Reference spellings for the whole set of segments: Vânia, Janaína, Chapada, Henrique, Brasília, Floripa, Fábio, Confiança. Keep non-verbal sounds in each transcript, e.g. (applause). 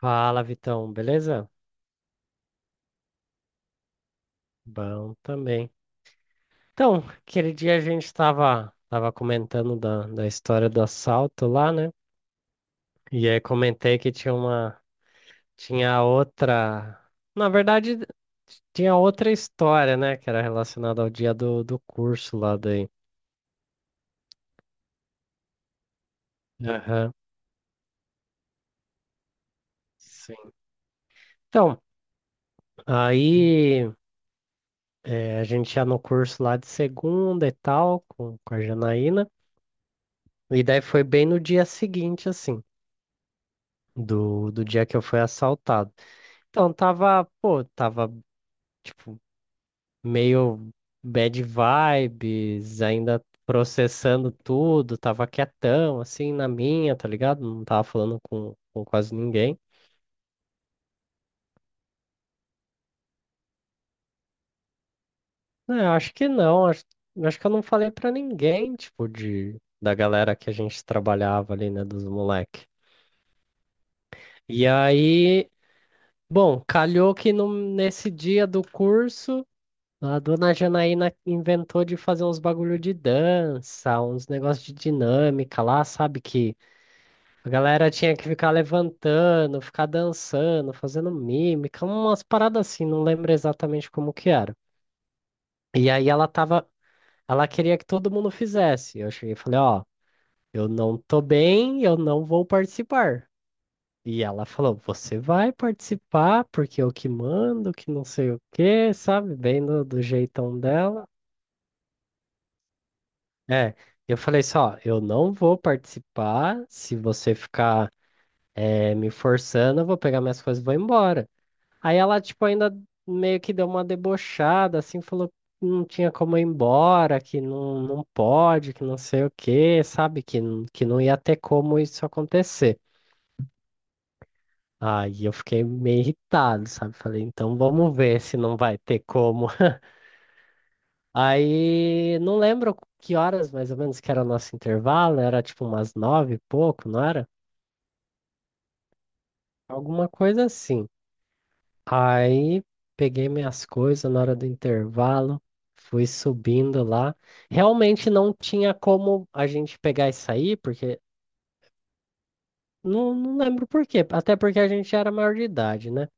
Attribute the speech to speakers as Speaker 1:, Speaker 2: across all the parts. Speaker 1: Fala, Vitão, beleza? Bom também. Então, aquele dia a gente estava tava comentando da história do assalto lá, né? E aí comentei que tinha uma, tinha outra, na verdade, tinha outra história, né? Que era relacionada ao dia do curso lá daí. Aham, sim. Então, aí a gente ia no curso lá de segunda e tal, com a Janaína. E daí foi bem no dia seguinte, assim. do dia que eu fui assaltado. Então, tava, pô, tava, tipo, meio bad vibes, ainda processando tudo, tava quietão, assim, na minha, tá ligado? Não tava falando com quase ninguém. É, acho que não, acho, acho que eu não falei pra ninguém, tipo, de, da galera que a gente trabalhava ali, né, dos moleque. E aí, bom, calhou que no, nesse dia do curso. A dona Janaína inventou de fazer uns bagulho de dança, uns negócios de dinâmica lá, sabe? Que a galera tinha que ficar levantando, ficar dançando, fazendo mímica, umas paradas assim, não lembro exatamente como que era. E aí ela queria que todo mundo fizesse. Eu cheguei e falei, ó, eu não tô bem, eu não vou participar. E ela falou, você vai participar porque eu que mando, que não sei o quê, sabe? Bem do jeitão dela. É, eu falei só, eu não vou participar se você ficar me forçando, eu vou pegar minhas coisas e vou embora. Aí ela, tipo, ainda meio que deu uma debochada, assim, falou que não tinha como ir embora, que não, não pode, que não sei o quê, sabe? Que, que não ia ter como isso acontecer. Aí eu fiquei meio irritado, sabe? Falei, então vamos ver se não vai ter como. (laughs) Aí não lembro que horas mais ou menos que era o nosso intervalo, era tipo umas nove e pouco, não era? Alguma coisa assim. Aí peguei minhas coisas na hora do intervalo, fui subindo lá. Realmente não tinha como a gente pegar e sair, porque não, não lembro por quê. Até porque a gente já era maior de idade, né?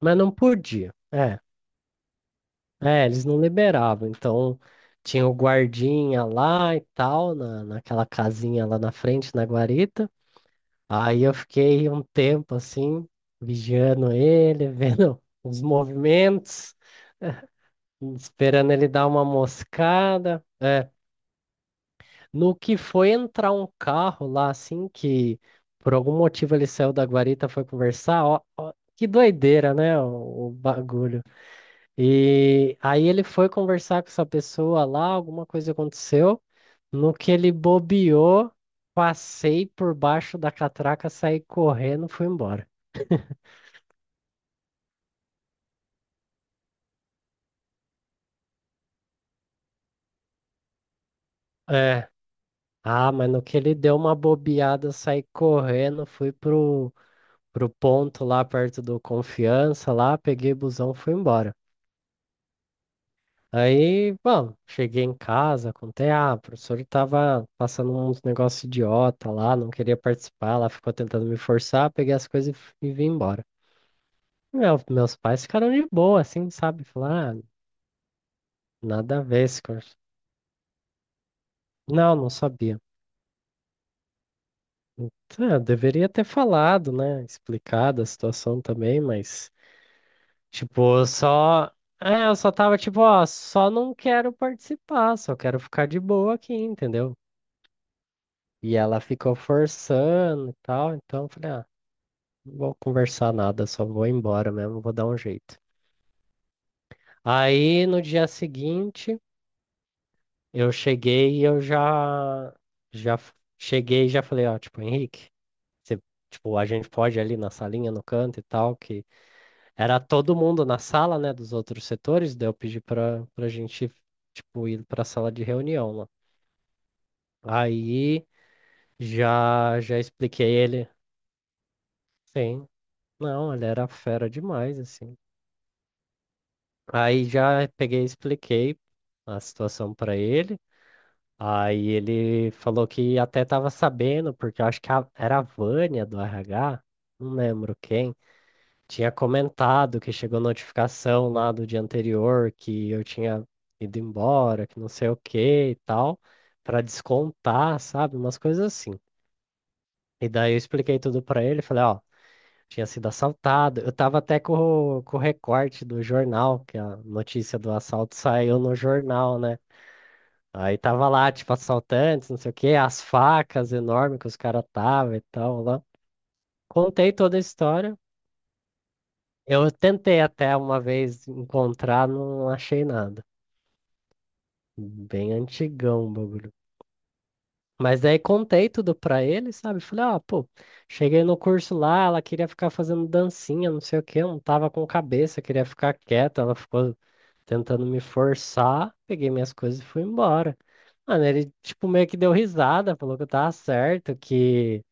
Speaker 1: Mas não podia. É, é, eles não liberavam. Então tinha o guardinha lá e tal, na, naquela casinha lá na frente, na guarita. Aí eu fiquei um tempo assim, vigiando ele, (laughs) vendo os movimentos. (laughs) Esperando ele dar uma moscada. É, no que foi entrar um carro lá, assim, que por algum motivo ele saiu da guarita, foi conversar. Ó, ó, que doideira, né? O bagulho. E aí ele foi conversar com essa pessoa lá, alguma coisa aconteceu. No que ele bobeou, passei por baixo da catraca, saí correndo, fui embora. É. Ah, mas no que ele deu uma bobeada, saí correndo, fui pro ponto lá perto do Confiança, lá, peguei busão, fui embora. Aí, bom, cheguei em casa, contei, ah, o professor tava passando uns negócios idiota lá, não queria participar, lá ficou tentando me forçar, peguei as coisas e, e vim embora. Meus pais ficaram de boa, assim, sabe? Falaram, ah, nada a ver esse curso. Não, não sabia. Tá, eu deveria ter falado, né? Explicado a situação também, mas Tipo, eu só. É, eu só tava tipo, ó, só não quero participar, só quero ficar de boa aqui, entendeu? E ela ficou forçando e tal, então eu falei, ah, não vou conversar nada, só vou embora mesmo, vou dar um jeito. Aí no dia seguinte, eu cheguei e eu já. Já f- cheguei e já falei, ó, tipo, Henrique, você, tipo, a gente pode ir ali na salinha, no canto e tal, que era todo mundo na sala, né, dos outros setores, daí eu pedi pra gente, tipo, ir pra sala de reunião lá. Aí já expliquei ele. Sim, não, ele era fera demais, assim. Aí já peguei e expliquei a situação pra ele. Aí ele falou que até tava sabendo, porque eu acho que era a Vânia do RH, não lembro quem. Tinha comentado que chegou notificação lá do dia anterior que eu tinha ido embora, que não sei o que e tal, para descontar, sabe? Umas coisas assim. E daí eu expliquei tudo para ele, falei, ó, tinha sido assaltado. Eu tava até com com o recorte do jornal, que a notícia do assalto saiu no jornal, né? Aí tava lá, tipo, assaltantes, não sei o que as facas enormes que os caras tava e tal, lá. Contei toda a história. Eu tentei até uma vez encontrar, não achei nada. Bem antigão o bagulho. Mas daí contei tudo pra ele, sabe? Falei, ah, pô, cheguei no curso lá, ela queria ficar fazendo dancinha, não sei o quê, eu não tava com cabeça, queria ficar quieta, ela ficou tentando me forçar, peguei minhas coisas e fui embora. Mano, ele, tipo, meio que deu risada, falou que eu tava certo, que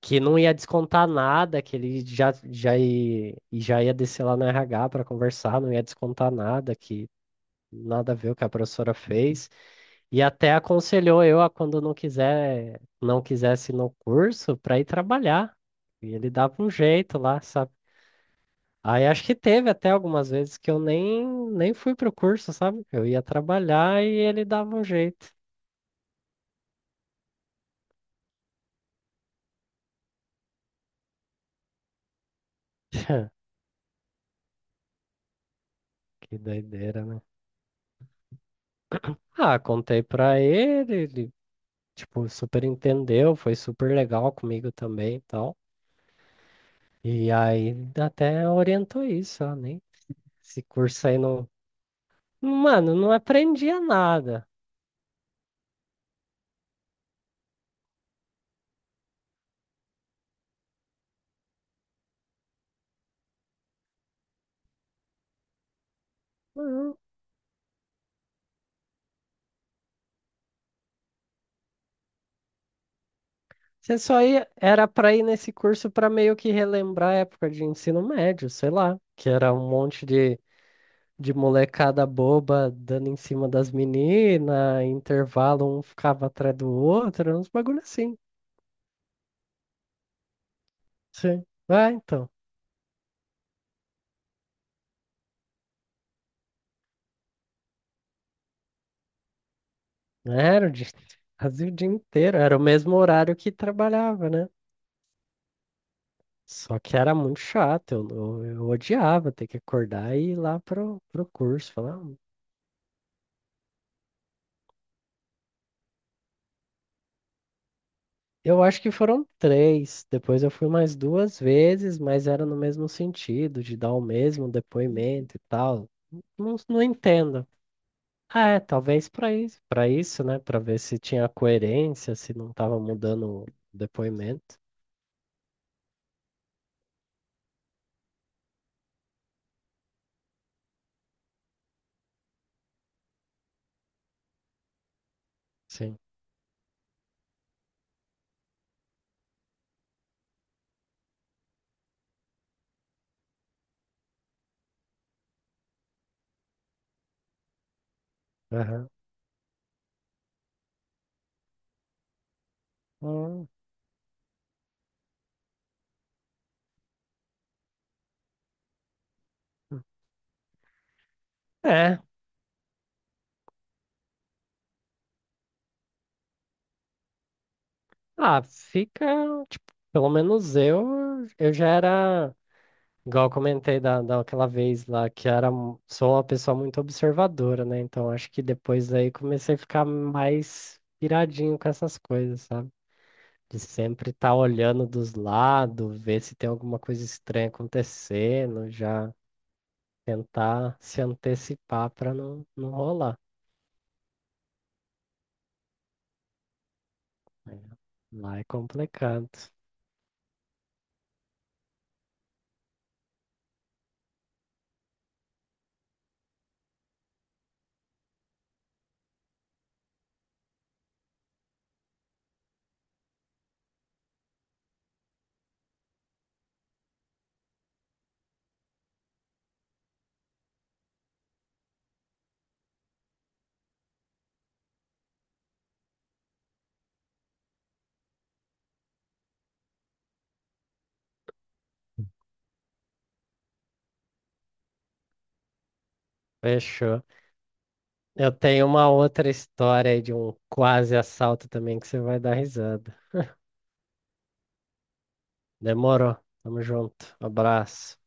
Speaker 1: que não ia descontar nada, que ele já ia descer lá no RH para conversar, não ia descontar nada, que nada a ver o que a professora fez. E até aconselhou eu a quando não quiser, não quisesse ir no curso para ir trabalhar. E ele dava um jeito lá, sabe? Aí acho que teve até algumas vezes que eu nem, nem fui pro curso, sabe? Eu ia trabalhar e ele dava um jeito. (laughs) Que doideira, né? Ah, contei pra ele, ele tipo, super entendeu, foi super legal comigo também e tal. E aí até orientou isso, ó, nem esse curso aí não. Mano, não aprendia nada. Não. Você só ia, era pra ir nesse curso pra meio que relembrar a época de ensino médio, sei lá, que era um monte de molecada boba dando em cima das meninas, intervalo um ficava atrás do outro, uns bagulho assim. Sim. Ah, então. Era o dia, (laughs) quase o dia inteiro, era o mesmo horário que trabalhava, né? Só que era muito chato, eu odiava ter que acordar e ir lá pro curso. Falar. "Ah, eu acho que foram três, depois eu fui mais duas vezes, mas era no mesmo sentido, de dar o mesmo depoimento e tal. Não, não entendo. Ah, é, talvez para isso, né? Para ver se tinha coerência, se não tava mudando o depoimento. Sim. Aham. Hum, é. Ah, fica. Pelo menos eu já era, igual eu comentei daquela vez lá, que era, sou uma pessoa muito observadora, né? Então acho que depois daí comecei a ficar mais piradinho com essas coisas, sabe? De sempre estar olhando dos lados, ver se tem alguma coisa estranha acontecendo, já tentar se antecipar para não, não rolar. Aí, lá é complicado. Fechou. Eu tenho uma outra história aí de um quase assalto também que você vai dar risada. Demorou. Tamo junto. Abraço.